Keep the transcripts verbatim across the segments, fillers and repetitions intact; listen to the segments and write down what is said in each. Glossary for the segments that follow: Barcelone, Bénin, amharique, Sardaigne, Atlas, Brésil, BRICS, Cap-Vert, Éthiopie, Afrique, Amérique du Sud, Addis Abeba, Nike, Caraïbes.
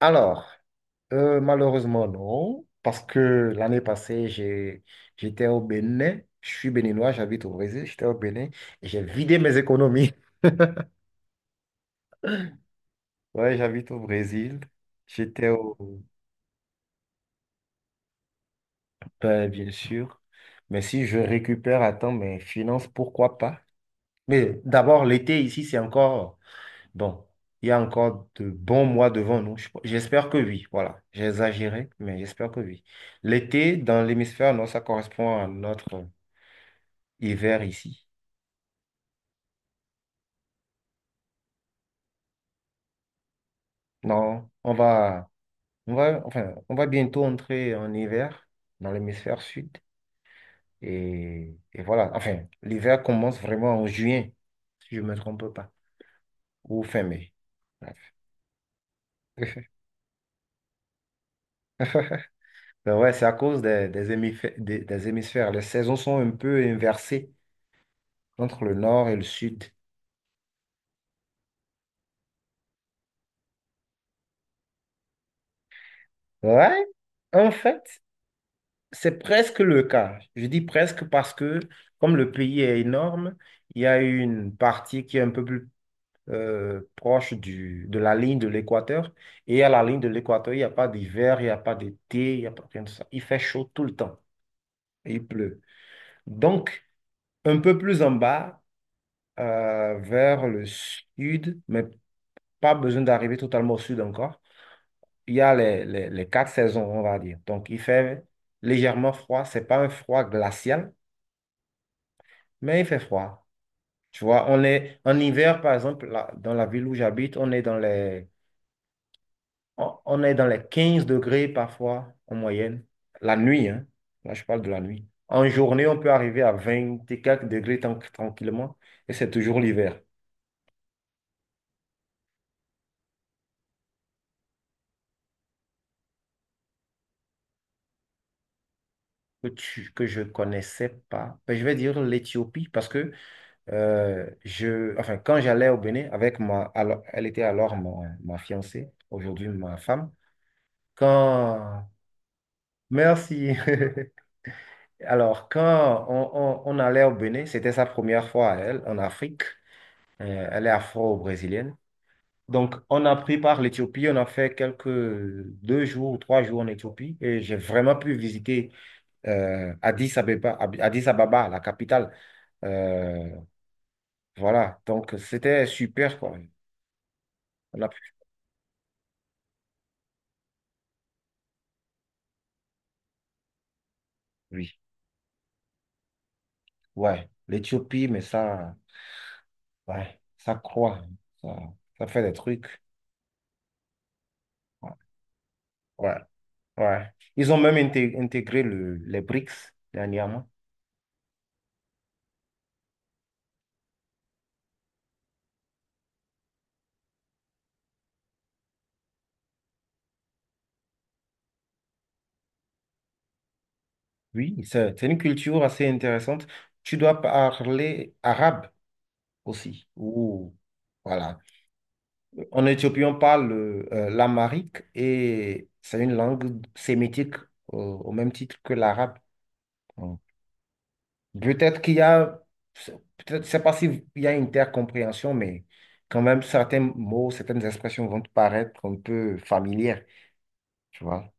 Alors, euh, malheureusement, non, parce que l'année passée, j'ai, j'étais au Bénin. Je suis béninois, j'habite au Brésil. J'étais au Bénin et j'ai vidé mes économies. Ouais, j'habite au Brésil. J'étais au ben, bien sûr. Mais si je récupère à temps mes finances, pourquoi pas? Mais d'abord, l'été ici, c'est encore bon. Il y a encore de bons mois devant nous. Je- J'espère que oui. Voilà, j'ai exagéré, mais j'espère que oui. L'été, dans l'hémisphère nord, ça correspond à notre hiver ici. Non, on va, on va, enfin, on va bientôt entrer en hiver dans l'hémisphère sud. Et, et voilà, enfin, l'hiver commence vraiment en juin, si je ne me trompe pas, ou fin mai. Bref. Ben ouais, c'est à cause des, des hémifè- des- des hémisphères. Les saisons sont un peu inversées entre le nord et le sud. Ouais, en fait, c'est presque le cas. Je dis presque parce que, comme le pays est énorme, il y a une partie qui est un peu plus euh, proche du, de la ligne de l'équateur. Et à la ligne de l'équateur, il n'y a pas d'hiver, il n'y a pas d'été, il n'y a pas rien de ça. Il fait chaud tout le temps et il pleut. Donc, un peu plus en bas, euh, vers le sud, mais pas besoin d'arriver totalement au sud encore, il y a les, les, les quatre saisons, on va dire. Donc, il fait légèrement froid. C'est pas un froid glacial, mais il fait froid. Tu vois, on est en hiver, par exemple, là, dans la ville où j'habite, on est dans les on on est dans les quinze degrés parfois en moyenne, la nuit, hein. Là, je parle de la nuit. En journée, on peut arriver à vingt et quelques degrés tan- tranquillement, et c'est toujours l'hiver. Que, tu- que je connaissais pas. Ben, je vais dire l'Éthiopie parce que euh, je, enfin, quand j'allais au Bénin avec ma, alors- elle était alors ma, ma fiancée, aujourd'hui ma femme. Quand, merci. Alors, quand on, on on allait au Bénin, c'était sa première fois à elle en Afrique. Euh, elle est afro-brésilienne. Donc, on a pris par l'Éthiopie, on a fait quelques deux jours ou trois jours en Éthiopie et j'ai vraiment pu visiter euh, Addis Abeba, Ab- Addis Ababa, la capitale. Euh, voilà, donc c'était super quoi. On a pu- oui, ouais, l'Éthiopie, mais ça, ouais, ça croît, hein. ça, ça fait des trucs. Ouais, ouais. Ouais. Ils ont même inté- intégré le, les B R I C S dernièrement. Oui, c'est c'est une culture assez intéressante. Tu dois parler arabe aussi. Ou voilà. En Éthiopie, on parle euh, l'amharique et c'est une langue sémitique, euh, au même titre que l'arabe. Mm. Peut-être qu'il y a, c'est- peut-être, je sais pas s'il y a une intercompréhension, mais quand même certains mots, certaines expressions vont te paraître un peu familières, tu vois.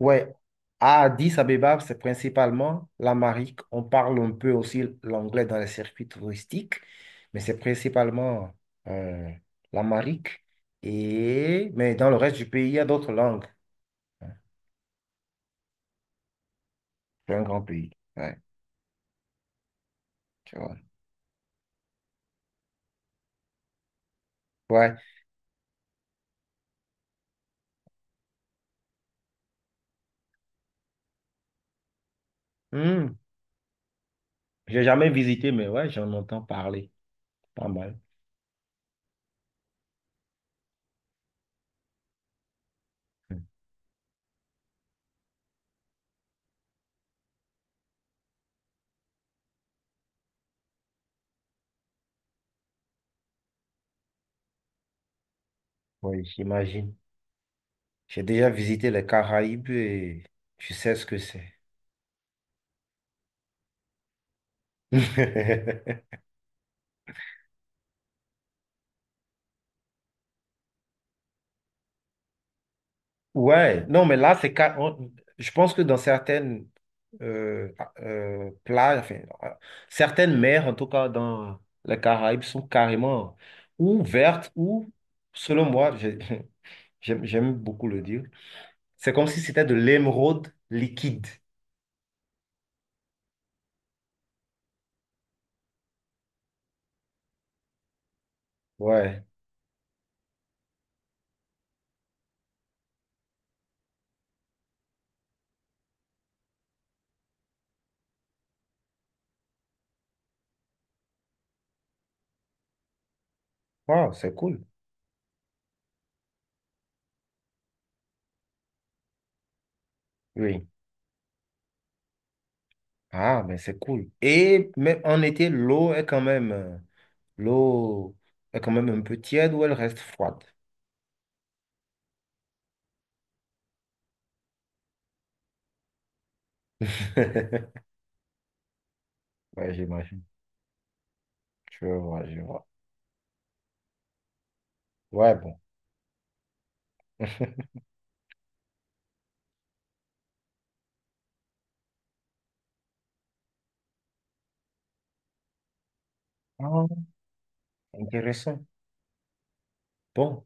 Ouais, à Addis Abeba, c'est principalement l'amharique. On parle un peu aussi l'anglais dans les circuits touristiques, mais c'est principalement euh, l'amharique. Et... Mais dans le reste du pays, il y a d'autres langues, hein. C'est un grand pays. Ouais, tu vois. Ouais. Hmm. J'ai jamais visité, mais ouais, j'en entends parler. Pas mal. Hmm. Ouais, j'imagine. J'ai déjà visité les Caraïbes et je sais ce que c'est. Ouais, non, mais là, c'est ca- on- je pense que dans certaines euh, euh, plages, enfin, euh, certaines mers, en tout cas dans les Caraïbes, sont carrément ou vertes ou, selon moi, j'ai- j'aime j'aime beaucoup le dire, c'est comme si c'était de l'émeraude liquide. Ouais, wow, c'est cool. Oui. Ah, mais c'est cool. Et même en été, l'eau est quand même, euh, l'eau est quand même un peu tiède ou elle reste froide. Ouais, j'imagine. Je vois, je vois. Ouais, bon. Ah, intéressant. Bon,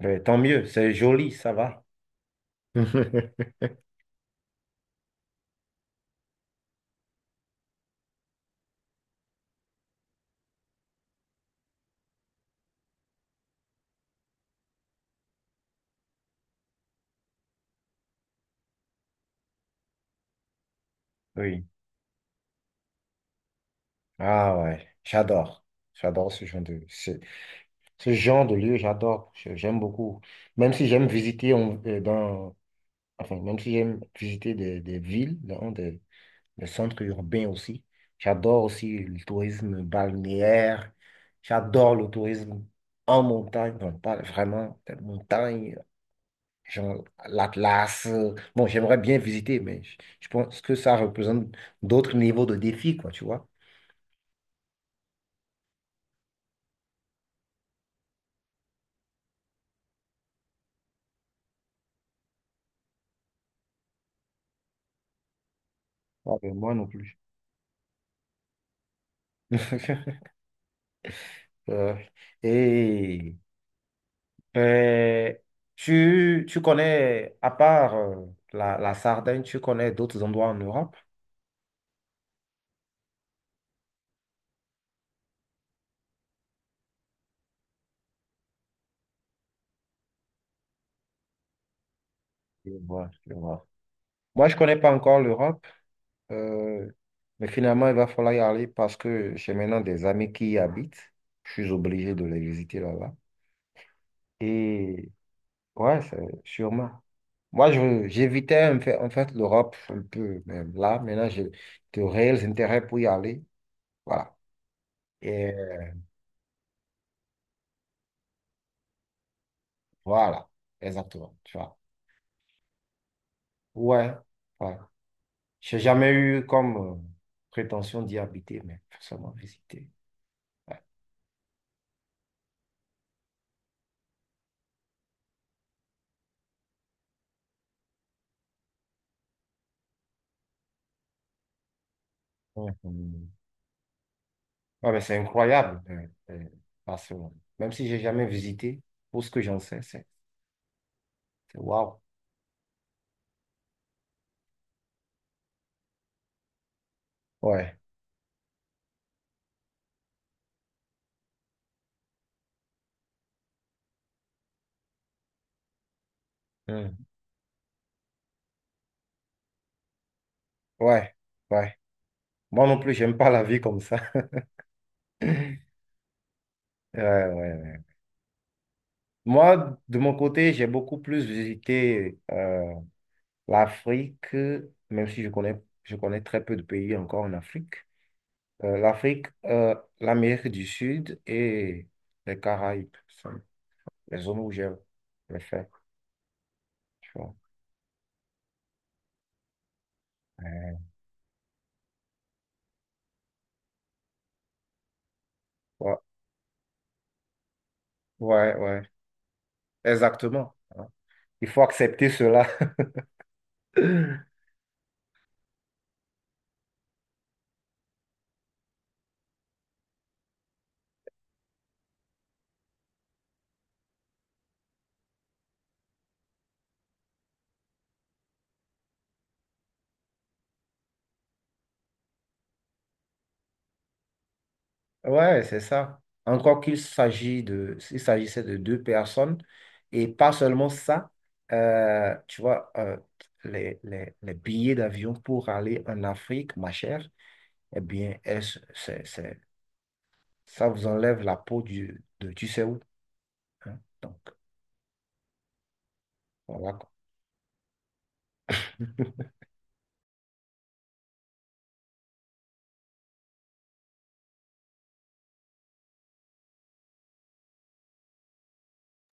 ben, tant mieux, c'est joli, ça va. Oui. Ah ouais, j'adore. J'adore ce genre de, ce, ce genre de lieu, j'adore. Je- J'aime beaucoup. Même si j'aime visiter on- euh, dans, enfin, même si j'aime visiter des, des villes, dans des, des centres urbains aussi. J'adore aussi le tourisme balnéaire. J'adore le tourisme en montagne, enfin, pas vraiment des montagnes genre l'Atlas. euh, Bon, j'aimerais bien visiter, mais je je pense que ça représente d'autres niveaux de défis, quoi, tu vois. Ah, ben, moi non plus. Euh, et euh, tu, tu connais, à part euh, la, la Sardaigne, tu connais d'autres endroits en Europe? Je vois, je vois. Moi, je ne connais pas encore l'Europe, euh, mais finalement, il va falloir y aller parce que j'ai maintenant des amis qui y habitent. Je suis obligé de les visiter là-bas. Et ouais, c'est sûrement. Moi, je, j'évitais en fait, en fait l'Europe un peu, même là, maintenant, j'ai de réels intérêts pour y aller. Voilà. Et voilà, exactement. Tu vois. Ouais, ouais. J'ai jamais eu comme euh, prétention d'y habiter, mais forcément visiter. Ouais. Mhm. Ouais, mais c'est incroyable. euh, euh, Barcelone. Même si j'ai jamais visité, pour ce que j'en sais, c'est c'est waouh. Ouais. Hmm. Ouais. Ouais. Moi non plus, j'aime pas la vie comme ça. Ouais, ouais, ouais. Moi, de mon côté, j'ai beaucoup plus visité euh, l'Afrique, même si je connais, je connais très peu de pays encore en Afrique. Euh, l'Afrique, euh, l'Amérique du Sud et les Caraïbes, c'est les zones où j'ai j'ai fait. Tu vois. Euh, Ouais, ouais, ouais. Exactement, hein. Il faut accepter cela. Ouais, c'est ça. Encore qu'il s'agit de, s'il s'agissait de deux personnes, et pas seulement ça, euh, tu vois, euh, les, les, les billets d'avion pour aller en Afrique, ma chère, eh bien, est-ce- c'est, c'est- ça vous enlève la peau du, de tu sais où, hein. Donc, voilà, quoi.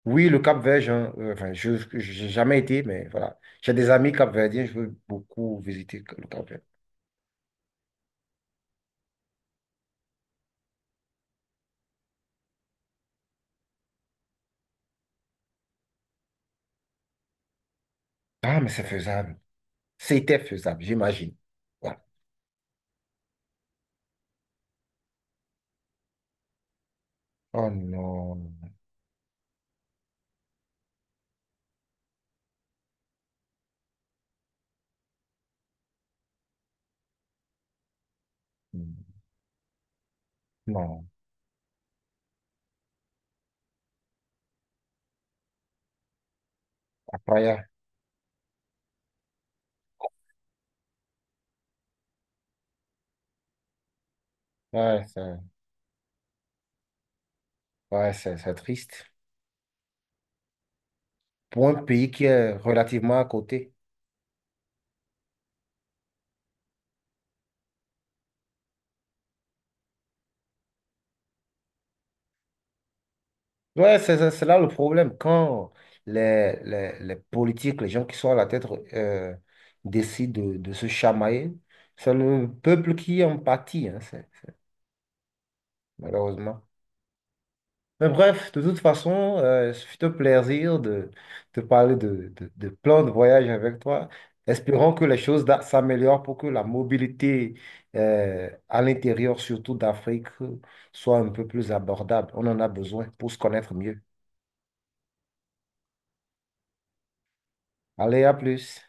Oui, le Cap-Vert, j'en- euh, enfin, je n'ai jamais été, mais voilà. J'ai des amis capverdiens, je veux beaucoup visiter le Cap-Vert. Ah, mais c'est faisable. C'était faisable, j'imagine. Voilà. Oh non, non. Après, ouais, ça- ouais, c'est c'est triste. Pour un pays qui est relativement à côté. Ouais, c'est c'est- c'est là le problème. Quand les, les, les politiques, les gens qui sont à la tête, euh, décident de, de se chamailler, c'est le peuple qui en pâtit, hein, c'est- c'est- malheureusement. Mais bref, de toute façon, euh, ce fut un plaisir de te parler de, de, de plans de voyage avec toi. Espérons que les choses da- s'améliorent pour que la mobilité, euh, à l'intérieur, surtout d'Afrique, soit un peu plus abordable. On en a besoin pour se connaître mieux. Allez, à plus.